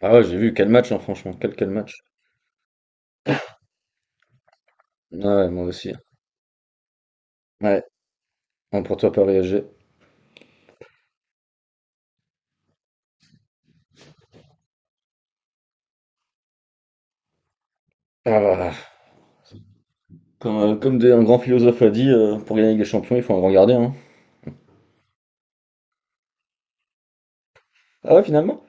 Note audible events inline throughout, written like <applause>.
Ah ouais, j'ai vu, quel match, hein, franchement, quel match. Ah ouais, moi aussi. Ouais, bon, pour toi, Paris SG. Ah voilà. Comme un grand philosophe a dit, pour gagner la Ligue des Champions, il faut un grand gardien, hein. Ah ouais, finalement?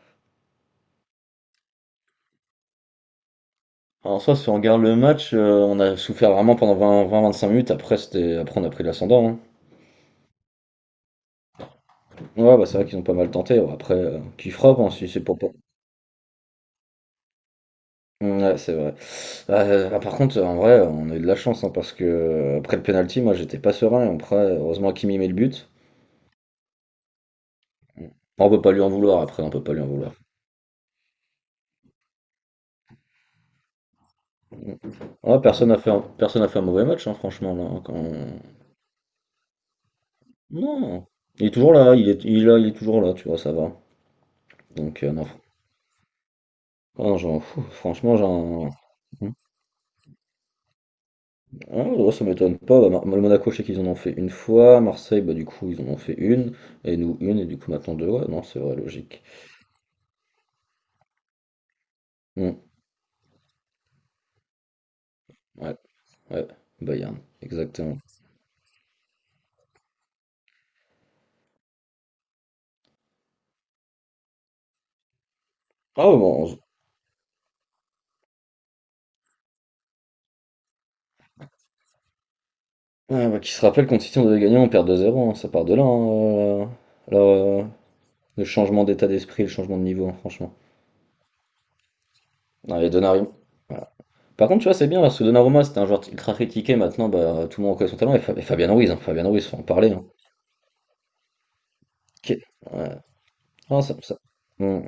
Alors, soit, si on regarde le match, on a souffert vraiment pendant vingt-cinq minutes. Après, on a pris l'ascendant, hein. Ouais, bah c'est vrai qu'ils ont pas mal tenté. Ouais, après, qui frappe, hein, si c'est pour pas. Ouais, c'est vrai. Ah, par contre, en vrai, on a eu de la chance, hein, parce que après le penalty, moi, j'étais pas serein. Après, heureusement, Kimi met le but. On peut pas lui en vouloir. Après, on peut pas lui en vouloir. Ouais, personne n'a fait un mauvais match, hein, franchement, là, hein, quand... Non. Il est toujours là, il est là, il est toujours là, tu vois, ça va. Donc, non. Ah, non, genre pff, franchement, genre. Ah, ouais, ça m'étonne pas. Bah, le Monaco, je sais qu'ils en ont fait une fois. Marseille, bah, du coup, ils en ont fait une. Et nous, une. Et du coup, maintenant, deux. Ouais, non, c'est vrai, logique. Hmm, ouais, ouais. Bayern, exactement. Ah, ouais, bon. Ah, bah, qui se rappelle quand City, on devait gagner, on perd 2-0, hein. Ça part de là, hein, là, euh, le changement d'état d'esprit, le changement de niveau, hein, franchement. Non, et Donnarumma. Voilà. Par contre, tu vois, c'est bien parce que Donnarumma, c'était un joueur ultra critiqué. Maintenant, bah, tout le monde reconnaît son talent. Et Fabien Ruiz, hein, Fabien Ruiz, faut en parler, hein. Qui- ouais. Ah, ça- ça- Mm.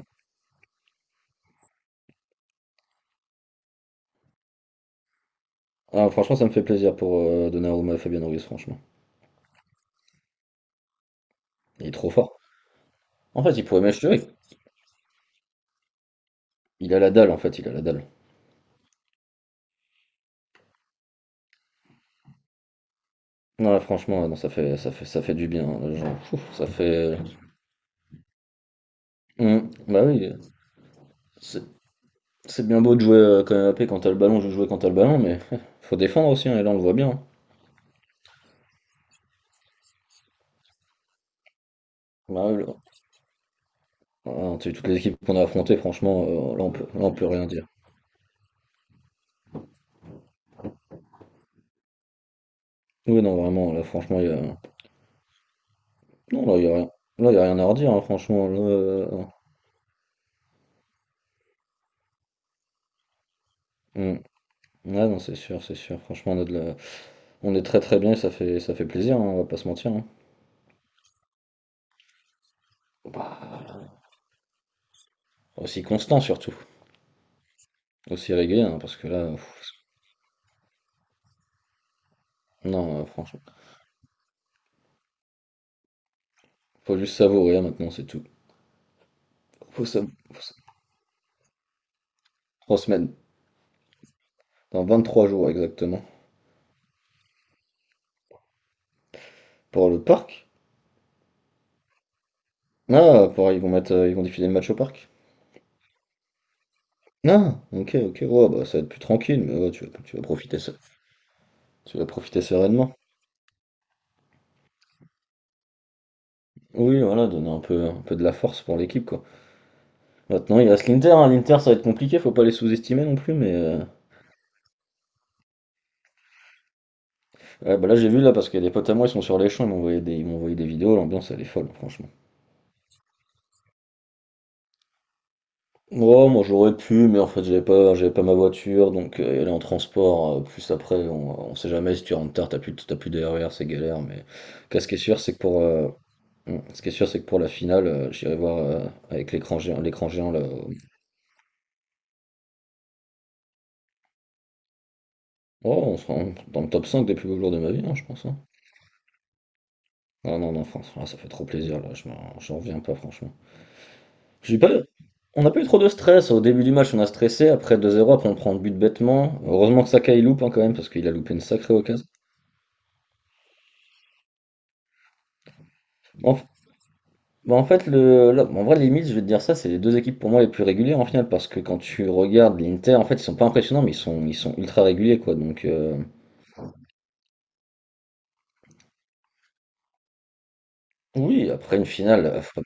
Ah, franchement, ça me fait plaisir pour Donnarumma et Fabien Ruiz, franchement. Il est trop fort. En fait, il pourrait m'acheter. Il a la dalle, en fait, il a la dalle. Non, là, franchement, non, ça fait du bien, hein, genre, ouf, ça fait. Mm. Bah oui, c'est c'est bien beau de jouer quand même AP quand t'as le ballon, je veux jouer quand t'as le ballon, mais <laughs> faut défendre aussi, hein, et là, on le voit bien, hein. Bah. Ah, tu sais, toutes les équipes qu'on a affrontées, franchement, là, on peut rien dire. Oui, non, vraiment, là, franchement, il y a... Non, là, il y a rien... là, il y a rien à redire, hein, franchement. Hmm. Ouais, non, c'est sûr, c'est sûr. Franchement, on a de la- on est très très bien et ça fait plaisir, hein, on va pas se mentir, hein. Bah, aussi constant, surtout. Aussi régulier, hein, parce que là... pff, non, franchement, faut juste savourer, hein, maintenant, c'est tout. Faut sa- faut sa- Trois semaines. Dans 23 jours, exactement. Pour le parc? Ah, pour... ils vont diffuser le match au parc. Ah! OK, OK. Ouais, bah, ça va être plus tranquille, mais ouais, tu vas profiter se Tu vas profiter sereinement. Oui, voilà, donner un peu de la force pour l'équipe, quoi. Maintenant, il reste l'Inter, hein. L'Inter, ça va être compliqué, faut pas les sous-estimer non plus, mais ouais, bah, là, j'ai vu, là, parce qu'il y a des potes à moi, ils sont sur les Champs, ils m'ont envoyé des vidéos, l'ambiance, elle est folle, franchement. Oh, moi, j'aurais pu, mais en fait, j'avais pas ma voiture, donc y aller en transport, plus après, on sait jamais, si tu rentres tard, t'as plus de RER, c'est galère, mais quest ce qui est sûr, c'est que pour, Mm. Ce qui est sûr, c'est que pour la finale, j'irai voir avec l'écran géant là. Oh, on sera dans le top 5 des plus beaux jours de ma vie, hein, je pense, hein. Ah non, non, France, ah, ça fait trop plaisir là, j'en reviens pas, franchement. J'ai pas... On n'a pas eu trop de stress. Au début du match, on a stressé. Après 2-0, après on prend le but bêtement. Heureusement que Saka il loupe, hein, quand même, parce qu'il a loupé une sacrée occasion. En, f- bah, en fait, en vrai, limite, je vais te dire ça, c'est les deux équipes pour moi les plus régulières en finale, parce que quand tu regardes l'Inter, en fait, ils sont pas impressionnants, mais ils sont ultra réguliers, quoi. Donc, oui, après une finale, faut.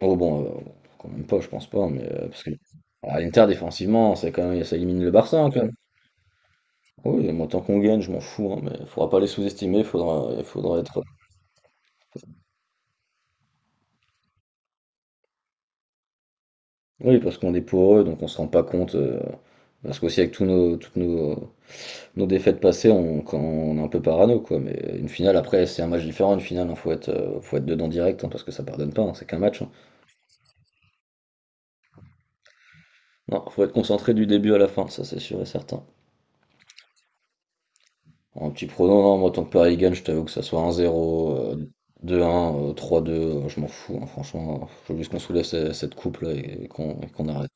Oh bon, quand même pas, je pense pas, mais parce que à l'Inter défensivement, c'est quand même ça élimine le Barça, hein, quand même. Oui, moi tant qu'on gagne, je m'en fous, hein, mais faudra pas les sous-estimer, faudra il faudra être oui, parce qu'on est eux, donc on se rend pas compte, parce qu'aussi avec tous nos toutes nos nos défaites passées, on quand on est un peu parano, quoi, mais une finale après, c'est un match différent, une finale, hein, faut être dedans direct, hein, parce que ça pardonne pas, hein, c'est qu'un match, hein. Non, faut être concentré du début à la fin, ça c'est sûr et certain. En petit prono, non, moi, tant que Paris gagne, je t'avoue que ça soit 1-0, 2-1, 3-2, je m'en fous, hein, franchement. Il faut juste qu'on soulève cette coupe là et qu'on arrête.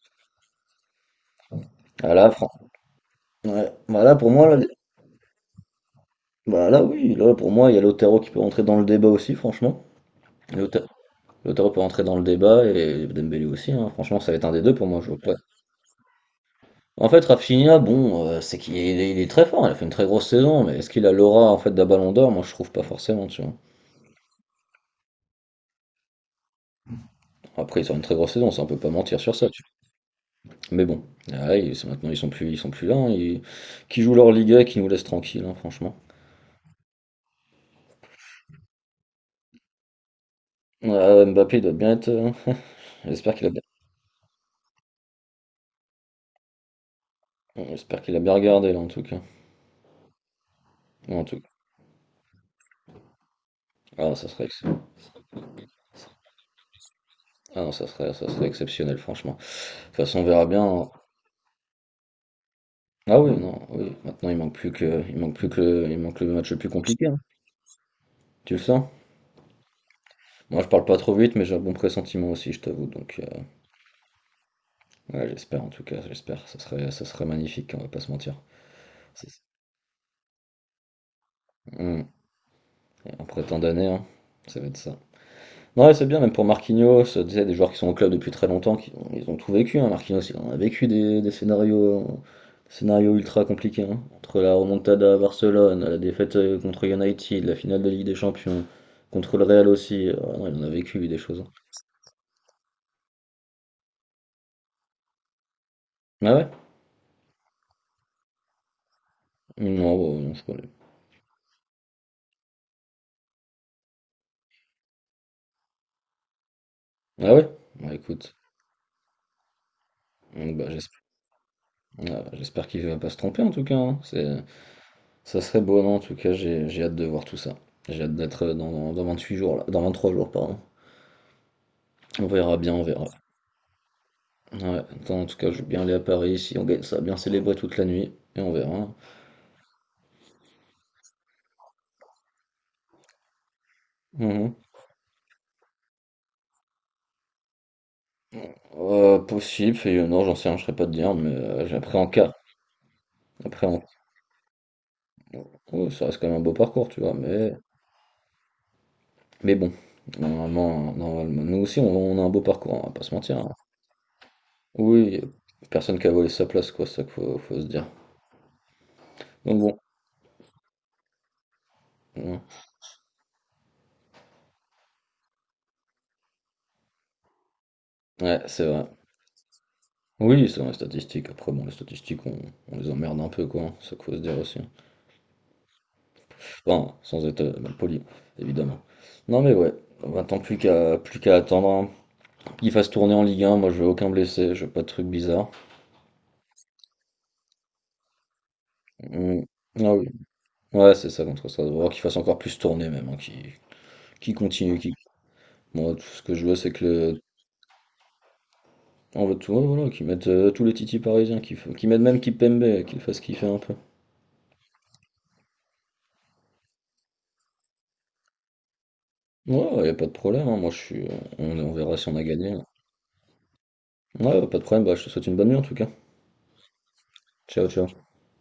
Ah là, ouais. Bah là, pour moi, là, bah là, oui, là, pour moi, il y a Lautaro qui peut rentrer dans le débat aussi, franchement. Lauta- Lautaro peut rentrer dans le débat et Dembélé aussi, hein. Franchement, ça va être un des deux pour moi, je vois pas. En fait, Rafinha, bon, c'est qu'il est très fort, il a fait une très grosse saison, mais est-ce qu'il a l'aura en fait d'un Ballon d'Or? Moi, je trouve pas forcément, tu vois. Après, il sort une très grosse saison, ça on peut pas mentir sur ça, tu. Mais bon, ah, ouais, maintenant ils sont plus là, hein, qui jouent leur Liga et qui nous laissent tranquille, hein, franchement. Ah, Mbappé il doit bien être, <laughs> j'espère qu'il a bien, regardé là en tout cas. En tout cas. Ah, ah non, ça serait exceptionnel, franchement. De toute façon, on verra bien, hein. Ah oui, non, oui. Maintenant, il manque plus que, il manque le match le plus compliqué, hein. Tu le sens? Moi, je parle pas trop vite, mais j'ai un bon pressentiment aussi, je t'avoue. Donc, ouais, j'espère en tout cas, j'espère. Ça serait magnifique, hein, on va pas se mentir. C'est- Hmm. Et après tant d'années, hein, ça va être ça. Ouais, c'est bien, même pour Marquinhos, tu sais, des joueurs qui sont au club depuis très longtemps, ils ont tout vécu, hein. Marquinhos, il en a vécu des scénarios ultra compliqués, hein. Entre la remontada à Barcelone, la défaite contre United, la finale de Ligue des Champions, contre le Real aussi. Ah non, il en a vécu lui, des choses, hein. Ah ouais? Mmh, non, bon, non, je connais. Ah ouais? Bah écoute, donc, bah, j'espère qu'il va pas se tromper en tout cas, hein. Ça serait beau, non, en tout cas, j'ai hâte de voir tout ça. J'ai hâte d'être dans 8 jours, là, dans 23 jours, pardon. On verra bien, on verra. Ouais, attends, en tout cas, je veux bien aller à Paris si on gagne ça, bien célébrer toute la nuit, et on verra, hein. Mhm. Possible, et non, j'en sais rien, je serais pas te dire, mais après en cas. Après en... ouais, ça reste quand même un beau parcours, tu vois, mais, bon, normalement, normalement, nous aussi, on a un beau parcours, on va pas se mentir, hein. Oui, y a personne qui a volé sa place, quoi, c'est ça qu'il faut, se dire. Donc bon, ouais, ouais, c'est vrai. Oui, c'est dans les statistiques, après, bon, les statistiques, on les emmerde un peu, quoi, hein, c'est ça qu'il faut se dire aussi. Enfin, sans être mal poli, évidemment. Non mais ouais, maintenant plus qu'à attendre, hein. Qu'ils fassent tourner en Ligue 1, moi je veux aucun blessé, je veux pas de trucs bizarres. Mm. Ah oui. Ouais, c'est ça contre ça, voir qu'ils fassent encore plus tourner même, hein, qui qu'ils continuent, moi tout ce que je veux c'est que le... On veut tout, ouais, voilà, qu'ils mettent tous les titis parisiens, qu'ils mettent même Kipembe, qu'ils le fassent kiffer un peu. Ouais, ouais, y a pas de problème, hein, moi je suis... On verra si on a gagné, hein. Ouais, ouais, pas de problème, bah je te souhaite une bonne nuit en tout cas. Ciao, ciao.